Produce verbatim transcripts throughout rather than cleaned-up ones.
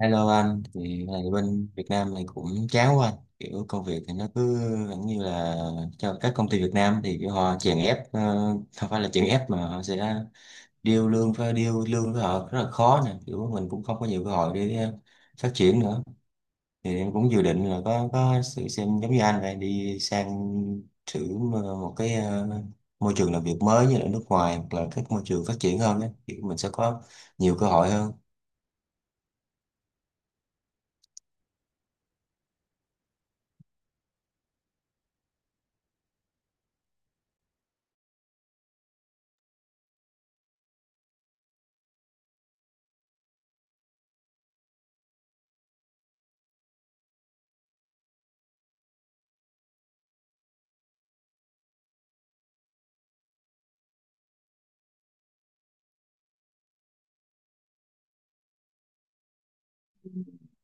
Hello anh, thì này bên Việt Nam này cũng chán quá anh. Kiểu công việc thì nó cứ vẫn như là cho các công ty Việt Nam thì kiểu họ chèn ép, ờ, không phải là chèn ép mà họ sẽ deal lương với deal lương với họ rất là khó nè. Kiểu mình cũng không có nhiều cơ hội để ờ, phát triển nữa. Thì em cũng dự định là có có sự xem giống như anh này đi sang thử m- một cái ờ, môi trường làm việc mới như là nước ngoài hoặc là các môi trường phát triển hơn đấy. Kiểu mình sẽ có nhiều cơ hội hơn.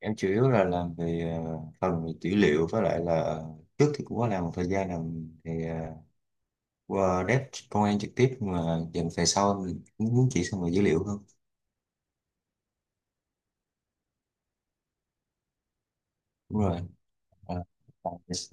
Em chủ yếu là làm về ờ, phần về dữ liệu với lại là trước thì cũng có làm một thời gian làm về ờ, qua dev công an trực tiếp nhưng mà dần về sau mình cũng muốn chỉ sang về dữ liệu hơn. Đúng rồi. Ờ, ờ, yes.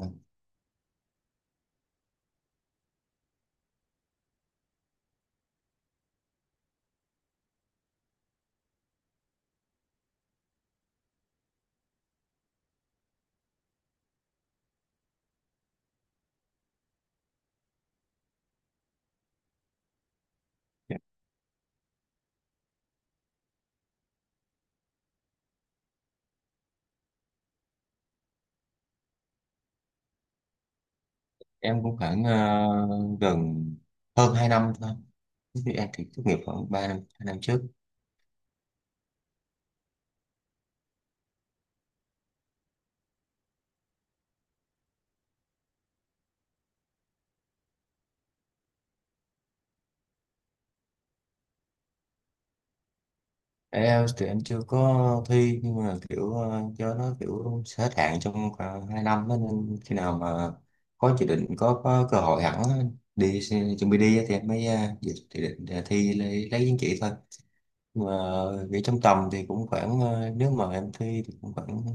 Em cũng khoảng ờ, gần hơn hai năm thôi. Thế thì em thì tốt nghiệp khoảng ba năm hai năm trước. ai eo thì anh chưa có thi nhưng mà kiểu ờ, cho nó kiểu sẽ hết hạn trong khoảng hai năm đó, nên khi nào mà có dự định có, có cơ hội hẳn á, đi xe- chuẩn bị đi á thì em mới ờ, dự dự định là thi lấy, lấy chứng chỉ thôi, nhưng mà nghĩ trong tầm thì cũng khoảng ờ, nếu mà em thi thì cũng khoảng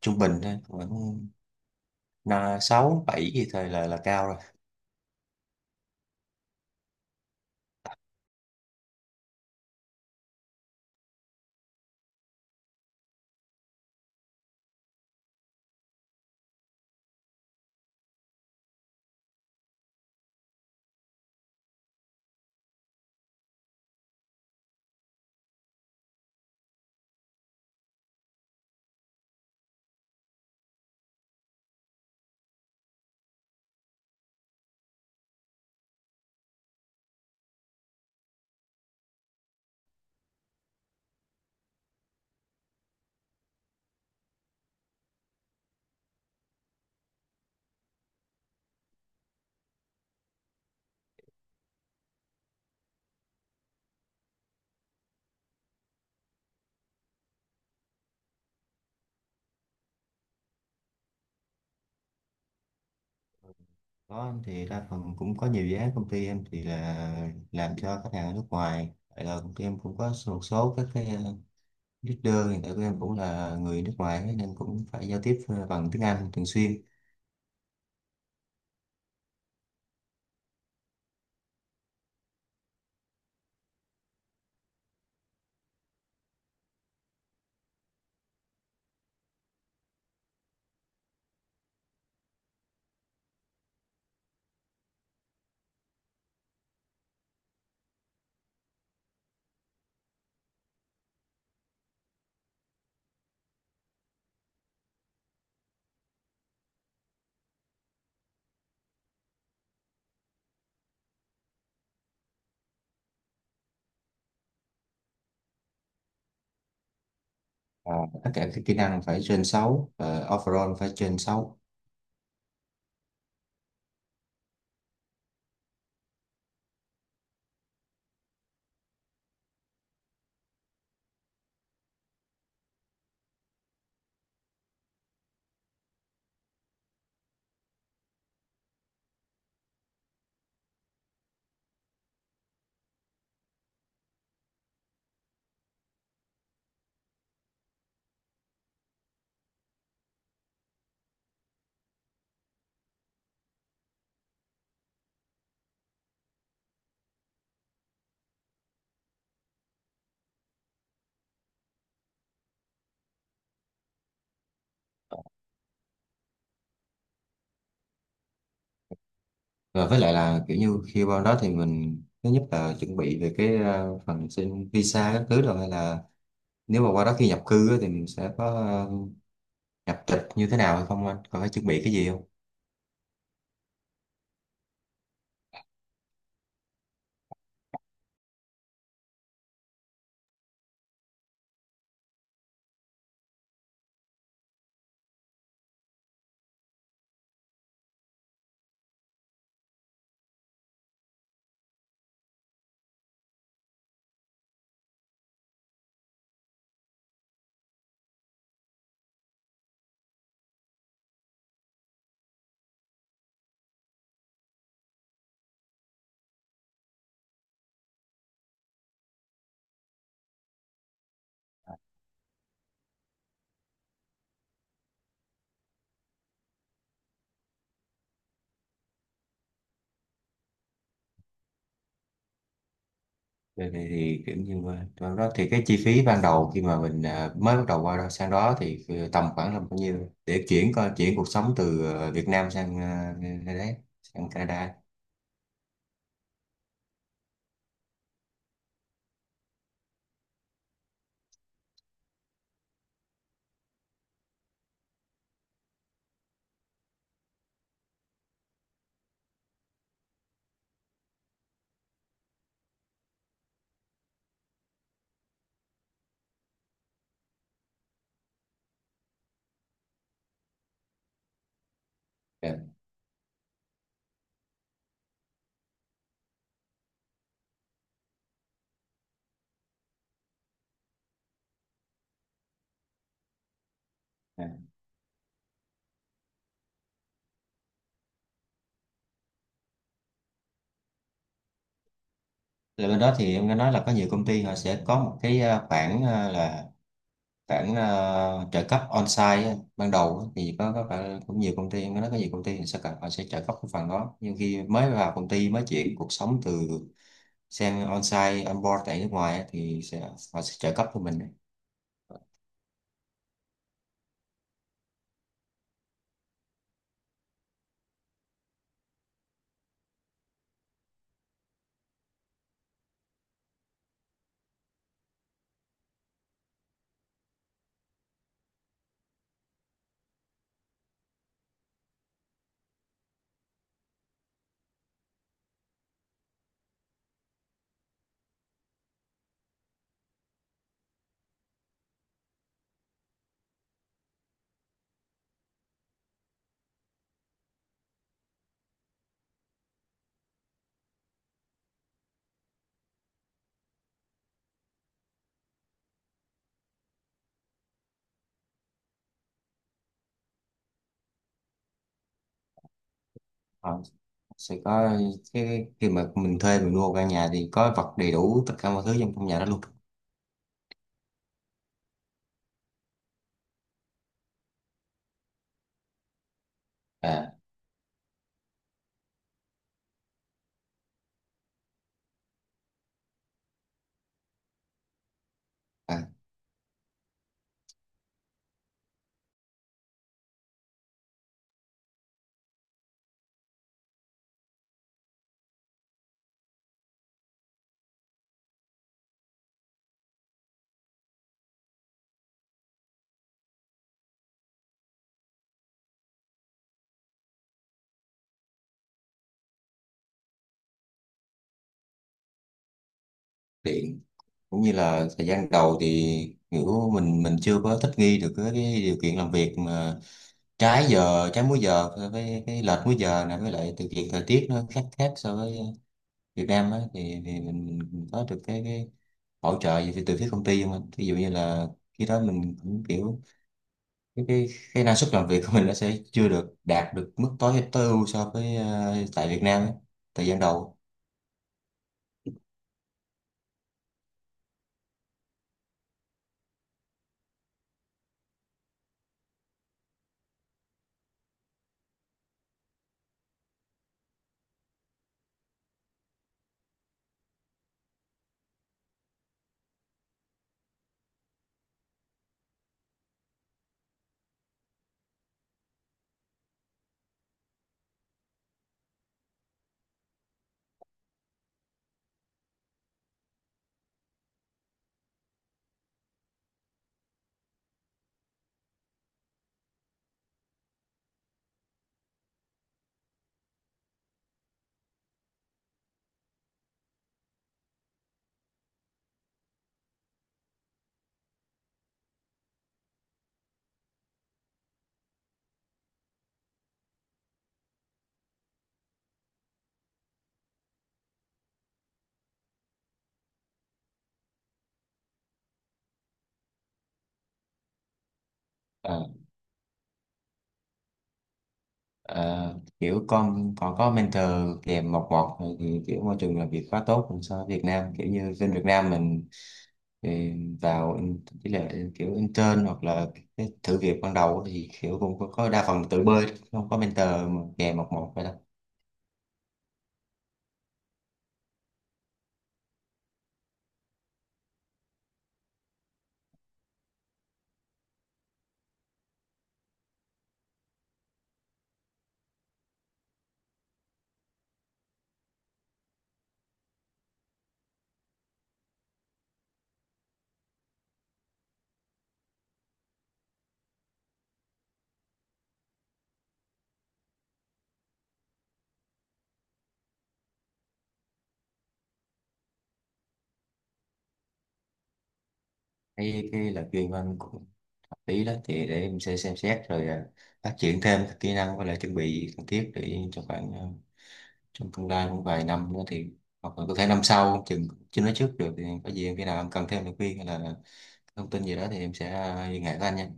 trung bình thôi, khoảng là sáu bảy gì thôi là là cao rồi. Có anh, thì đa phần cũng có nhiều dự án công ty em thì là làm cho khách hàng ở nước ngoài. Vậy là công ty em cũng có một số các cái ờ, leader hiện tại của em cũng là người nước ngoài ấy, nên cũng phải giao tiếp ờ, bằng tiếng Anh thường xuyên. À, tất cả các kỹ năng phải trên sáu, và overall phải trên sáu. Và với lại là kiểu như khi vào đó thì mình thứ nhất là chuẩn bị về cái ờ, phần xin visa các thứ rồi, hay là nếu mà qua đó khi nhập cư á, thì mình sẽ có ờ, nhập tịch như thế nào hay không, anh còn phải chuẩn bị cái gì không? Vậy thì, thì kiểu như mà trong đó thì cái chi phí ban đầu khi mà mình à, mới bắt đầu qua đó sang đó thì ờ, tầm khoảng là bao nhiêu để chuyển coi chuyển cuộc sống từ à, Việt Nam sang à, nơi đấy, sang Canada. Dạ. À. Là bên đó thì em nghe nói là có nhiều công ty họ sẽ có một cái à, khoản à, là khoản à, trợ cấp on-site á, ban đầu á, thì có có phải cũng nhiều công ty em nghe nói có nhiều công ty thì sẽ cần họ sẽ trợ cấp cái phần đó nhưng khi mới vào công ty mới chuyển cuộc sống từ sang on-site on-board tại nước ngoài á, thì sẽ họ sẽ trợ cấp cho mình đấy. Họ sẽ có cái khi mà mình thuê mình mua căn nhà thì có vật đầy đủ tất cả mọi thứ trong trong nhà đó luôn. À. À, điện cũng như là thời gian đầu thì kiểu mình mình chưa có thích nghi được cái, cái điều kiện làm việc mà trái giờ trái múi giờ với cái lệch múi giờ này, với lại điều kiện thời tiết nó khác khác so với Việt Nam á, thì, thì mình mình có được cái, cái hỗ trợ gì từ từ phía công ty không anh? Ví dụ như là khi đó mình cũng kiểu cái cái, cái năng suất làm việc của mình nó sẽ chưa được đạt được mức tối tối ưu so với ờ, tại Việt Nam á, thời gian đầu. Ờ, ờ, Kiểu con còn có mentor kèm một một thì thì kiểu môi trường làm việc quá tốt hơn so với Việt Nam, kiểu như bên Việt Nam mình. Thì vào in- chỉ là kiểu intern hoặc là cái thử việc ban đầu thì kiểu cũng có, có đa phần tự bơi, không có mentor mà kèm một một vậy đó. cái cái là chuyên môn của hợp lý đó thì để em sẽ xem xét rồi à, phát triển thêm các kỹ năng với lại chuẩn bị cần thiết để cho khoảng à, trong tương lai cũng vài năm nữa thì hoặc là có thể năm sau chừng chưa nói trước được, thì có gì em khi nào em cần thêm lời khuyên hay là thông tin gì đó thì em sẽ à, liên hệ với anh nha.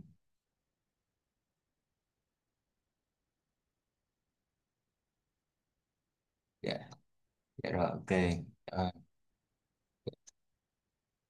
Dạ. Dạ rồi, ok. Ờ,